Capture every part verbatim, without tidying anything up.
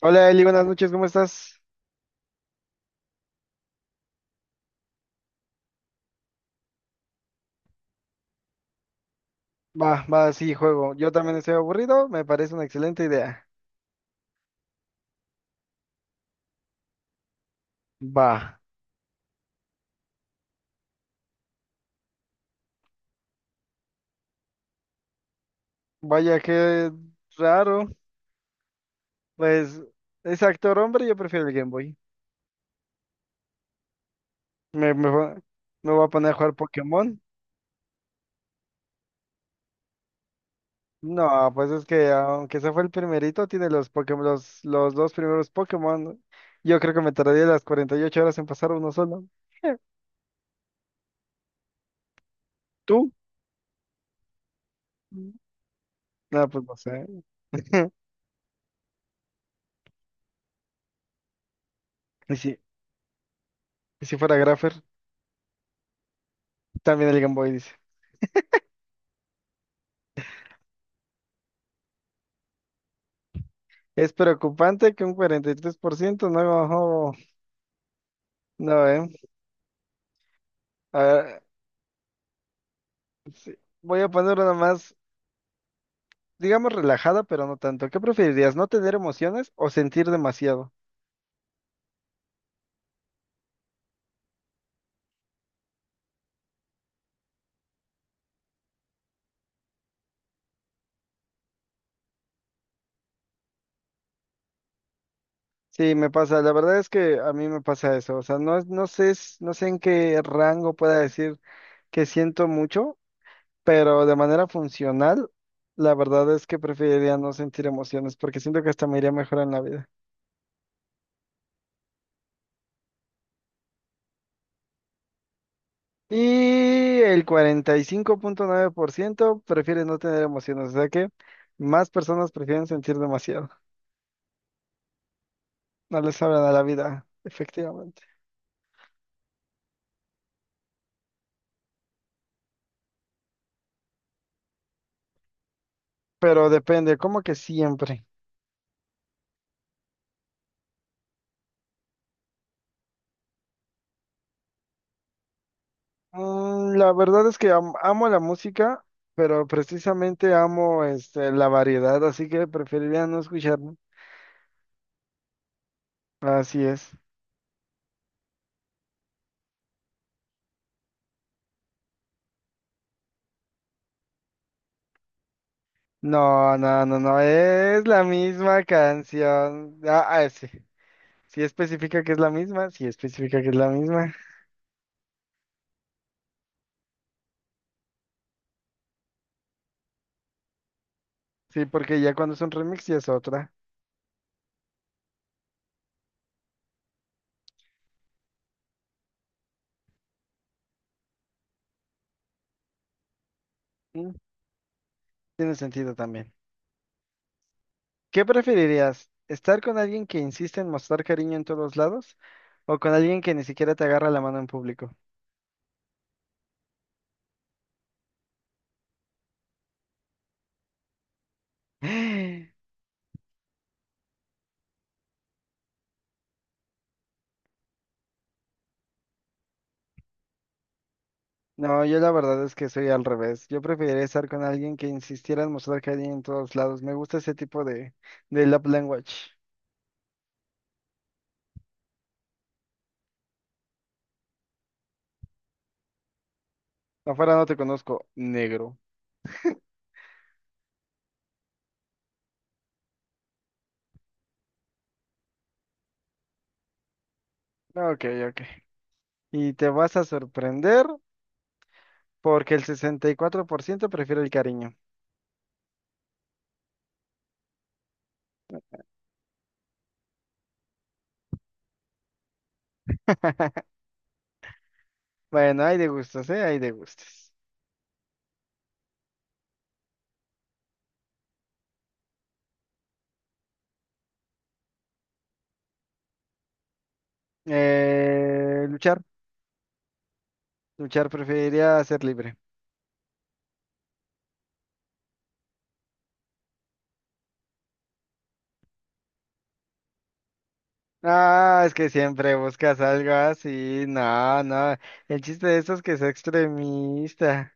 Hola Eli, buenas noches, ¿cómo estás? Va, va, sí, juego. Yo también estoy aburrido, me parece una excelente idea. Va, vaya qué raro. Pues es actor hombre, yo prefiero el Game Boy. Me, me, va- me voy a poner a jugar Pokémon. No, pues es que aunque ese fue el primerito, tiene los Pokémon, los, los dos primeros Pokémon. Yo creo que me tardaría las cuarenta y ocho horas en pasar uno solo. ¿Tú? No, pues no sé. Y si, y si fuera Graffer, también el Game Boy dice. Es preocupante que un cuarenta y tres por ciento no, no, eh. A ver, voy a poner una más, digamos relajada, pero no tanto. ¿Qué preferirías, no tener emociones o sentir demasiado? Sí, me pasa, la verdad es que a mí me pasa eso, o sea, no, es- no sé, s- no sé en qué rango pueda decir que siento mucho, pero de manera funcional, la verdad es que preferiría no sentir emociones porque siento que hasta me iría mejor en la vida. Y el cuarenta y cinco punto nueve por ciento prefiere no tener emociones, o sea que más personas prefieren sentir demasiado. No les saben a la vida, efectivamente. Pero depende, como que siempre. Mm, la verdad es que am- amo la música, pero precisamente amo este, la variedad, así que preferiría no escucharla. Así es. No, no, no, no, es la misma canción. Ah, ah, sí. Sí especifica que es la misma, sí especifica que es la misma. Sí, porque ya cuando es un remix ya es otra. Mm. Tiene sentido también. ¿Qué preferirías? ¿Estar con alguien que insiste en mostrar cariño en todos lados o con alguien que ni siquiera te agarra la mano en público? No, yo la verdad es que soy al revés. Yo preferiría estar con alguien que insistiera en mostrar cariño en todos lados. Me gusta ese tipo de, de love language. Afuera no te conozco, negro. Ok, ok. Y te vas a sorprender porque el sesenta y cuatro por ciento prefiere el cariño. Bueno, hay de gustos, ¿eh? Hay de gustos. Eh, luchar, luchar preferiría ser libre. Ah, es que siempre buscas algo así. No, no. El chiste de esto es que sea extremista.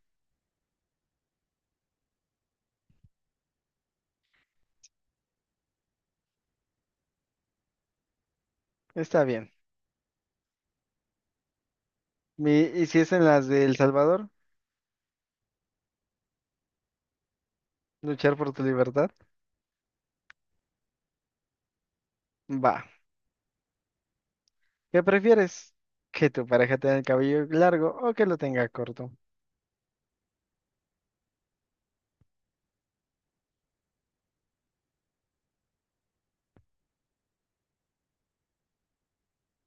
Está bien. Mi- ¿Y si es en las de El Salvador? ¿Luchar por tu libertad? Va. ¿Qué prefieres? ¿Que tu pareja tenga el cabello largo o que lo tenga corto?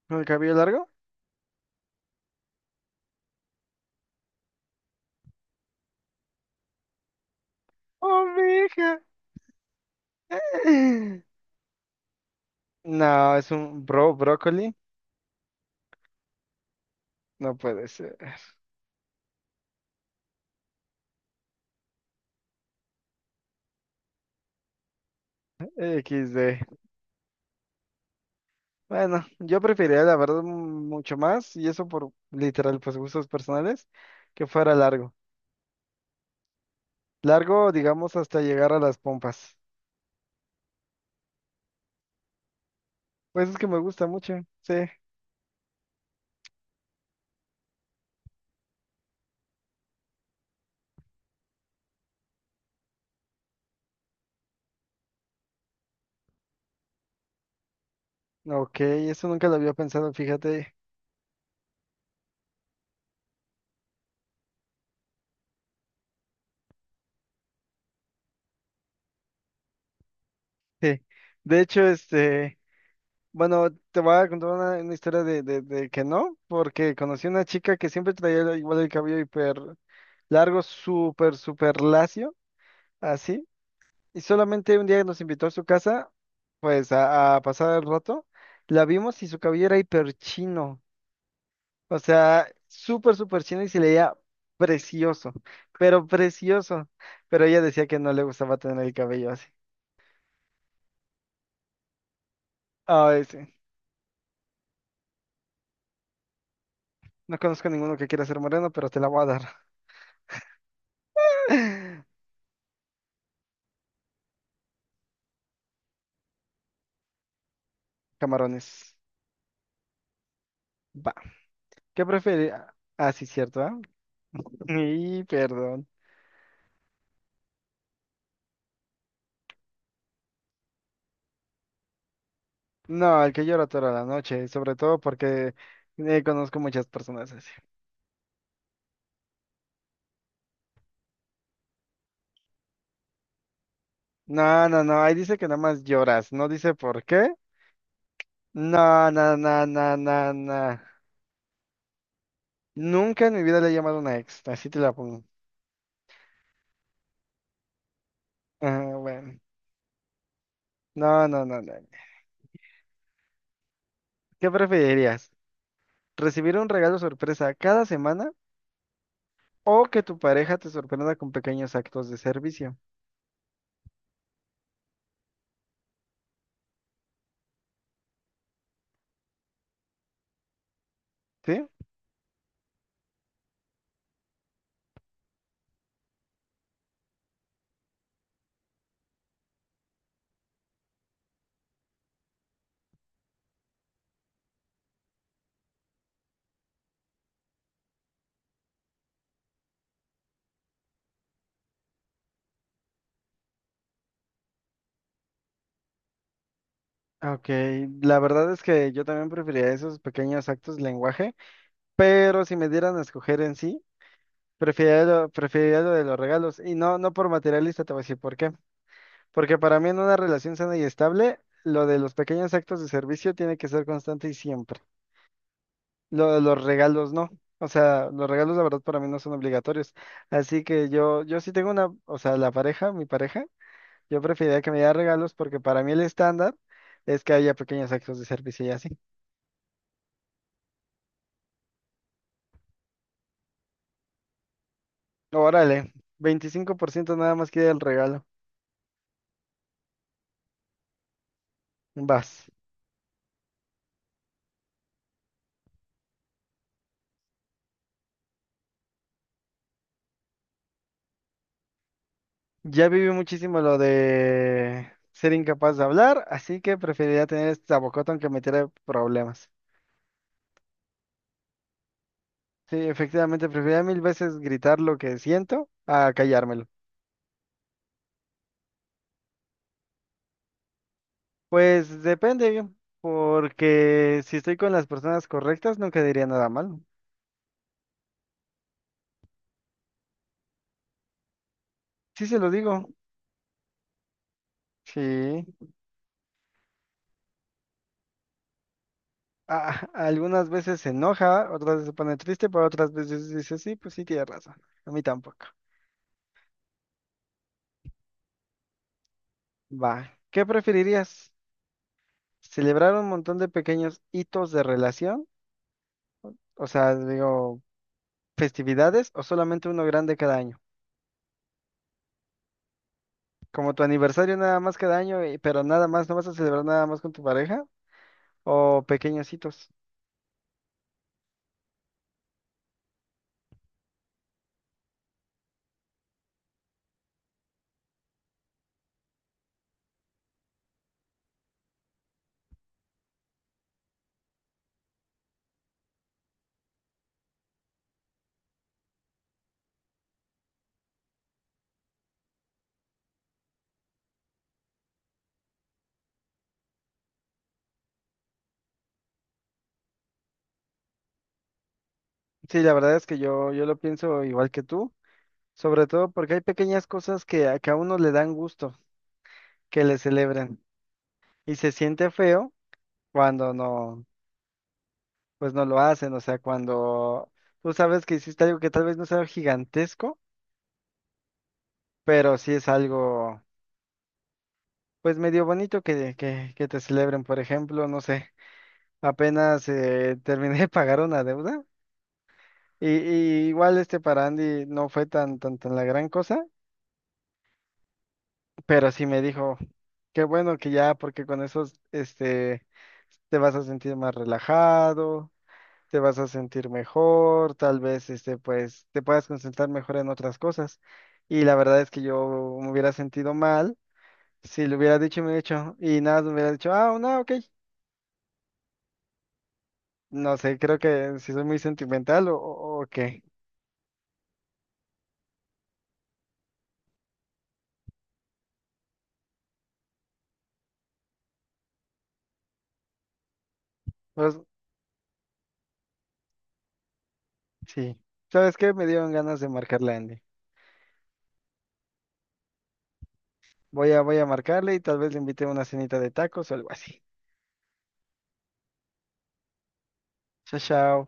¿El cabello largo? ¡Oveja! No, es un bro brócoli. No puede ser. Equis de. Bueno, yo preferiría la verdad mm, mucho más, y eso por literal, pues gustos personales, que fuera largo. Largo, digamos, hasta llegar a las pompas. Pues es que me gusta mucho, sí. Ok, eso nunca lo había pensado, fíjate. Sí. De hecho, este, bueno, te voy a contar una, una historia de, de, de que no, porque conocí una chica que siempre traía igual el cabello hiper largo, súper, súper lacio, así. Y solamente un día nos invitó a su casa, pues a, a pasar el rato. La vimos y su cabello era hiper chino. O sea, súper, súper chino y se le veía precioso, pero precioso. Pero ella decía que no le gustaba tener el cabello así. Ay, sí. No conozco a ninguno que quiera ser moreno, pero te la voy a dar. Camarones. Va. ¿Qué prefieres? Ah, sí, cierto, ¿ah? Y perdón. No, el que llora toda la noche, sobre todo porque eh, conozco muchas personas así. No, no, no, ahí dice que nada más lloras, no dice por qué. No, no, no, no, no, no. Nunca en mi vida le he llamado a una ex, así te la pongo. Ajá, bueno. No, no, no, no. ¿Qué preferirías? ¿Recibir un regalo sorpresa cada semana o que tu pareja te sorprenda con pequeños actos de servicio? ¿Sí? Ok, la verdad es que yo también preferiría esos pequeños actos de lenguaje, pero si me dieran a escoger en sí, preferiría lo, preferiría lo de los regalos y no, no por materialista, te voy a decir por qué. Porque para mí en una relación sana y estable, lo de los pequeños actos de servicio tiene que ser constante y siempre. Lo de los regalos no. O sea, los regalos la verdad para mí no son obligatorios. Así que yo, yo sí tengo una, o sea, la pareja, mi pareja, yo preferiría que me diera regalos porque para mí el estándar es que haya pequeños actos de servicio y así. Órale, veinticinco por ciento nada más quiere el regalo. Vas. Ya viví muchísimo lo de ser incapaz de hablar, así que preferiría tener esta bocota aunque me tire problemas. Sí, efectivamente, preferiría mil veces gritar lo que siento a callármelo. Pues depende, porque si estoy con las personas correctas, nunca diría nada malo. Sí, se lo digo. Sí. Ah, algunas veces se enoja, otras veces se pone triste, pero otras veces dice, sí, pues sí, tiene razón. A mí tampoco. Va. ¿Qué preferirías? ¿Celebrar un montón de pequeños hitos de relación? O sea, digo, festividades o solamente uno grande cada año? Como tu aniversario nada más cada año, y- pero nada más, ¿no vas a celebrar nada más con tu pareja o pequeños hitos? Sí, la verdad es que yo, yo lo pienso igual que tú, sobre todo porque hay pequeñas cosas que, a- que a uno le dan gusto que le celebren y se siente feo cuando no, pues no lo hacen, o sea, cuando tú sabes que hiciste algo que tal vez no sea gigantesco, pero sí es algo, pues medio bonito que, que, que te celebren, por ejemplo, no sé, apenas eh, terminé de pagar una deuda. Y, y igual este para Andy no fue tan, tan, tan la gran cosa, pero sí me dijo, qué bueno que ya, porque con esos, este, te vas a sentir más relajado, te vas a sentir mejor, tal vez, este, pues, te puedas concentrar mejor en otras cosas. Y la verdad es que yo me hubiera sentido mal si le hubiera dicho y me hubiera dicho, y nada, me hubiera dicho, ah, no, ok. No sé, creo que si soy muy sentimental o, o o qué. Pues, sí. ¿Sabes qué? Me dieron ganas de marcarle a Andy. Voy a, voy a marcarle y tal vez le invite a una cenita de tacos o algo así. Chao, chao.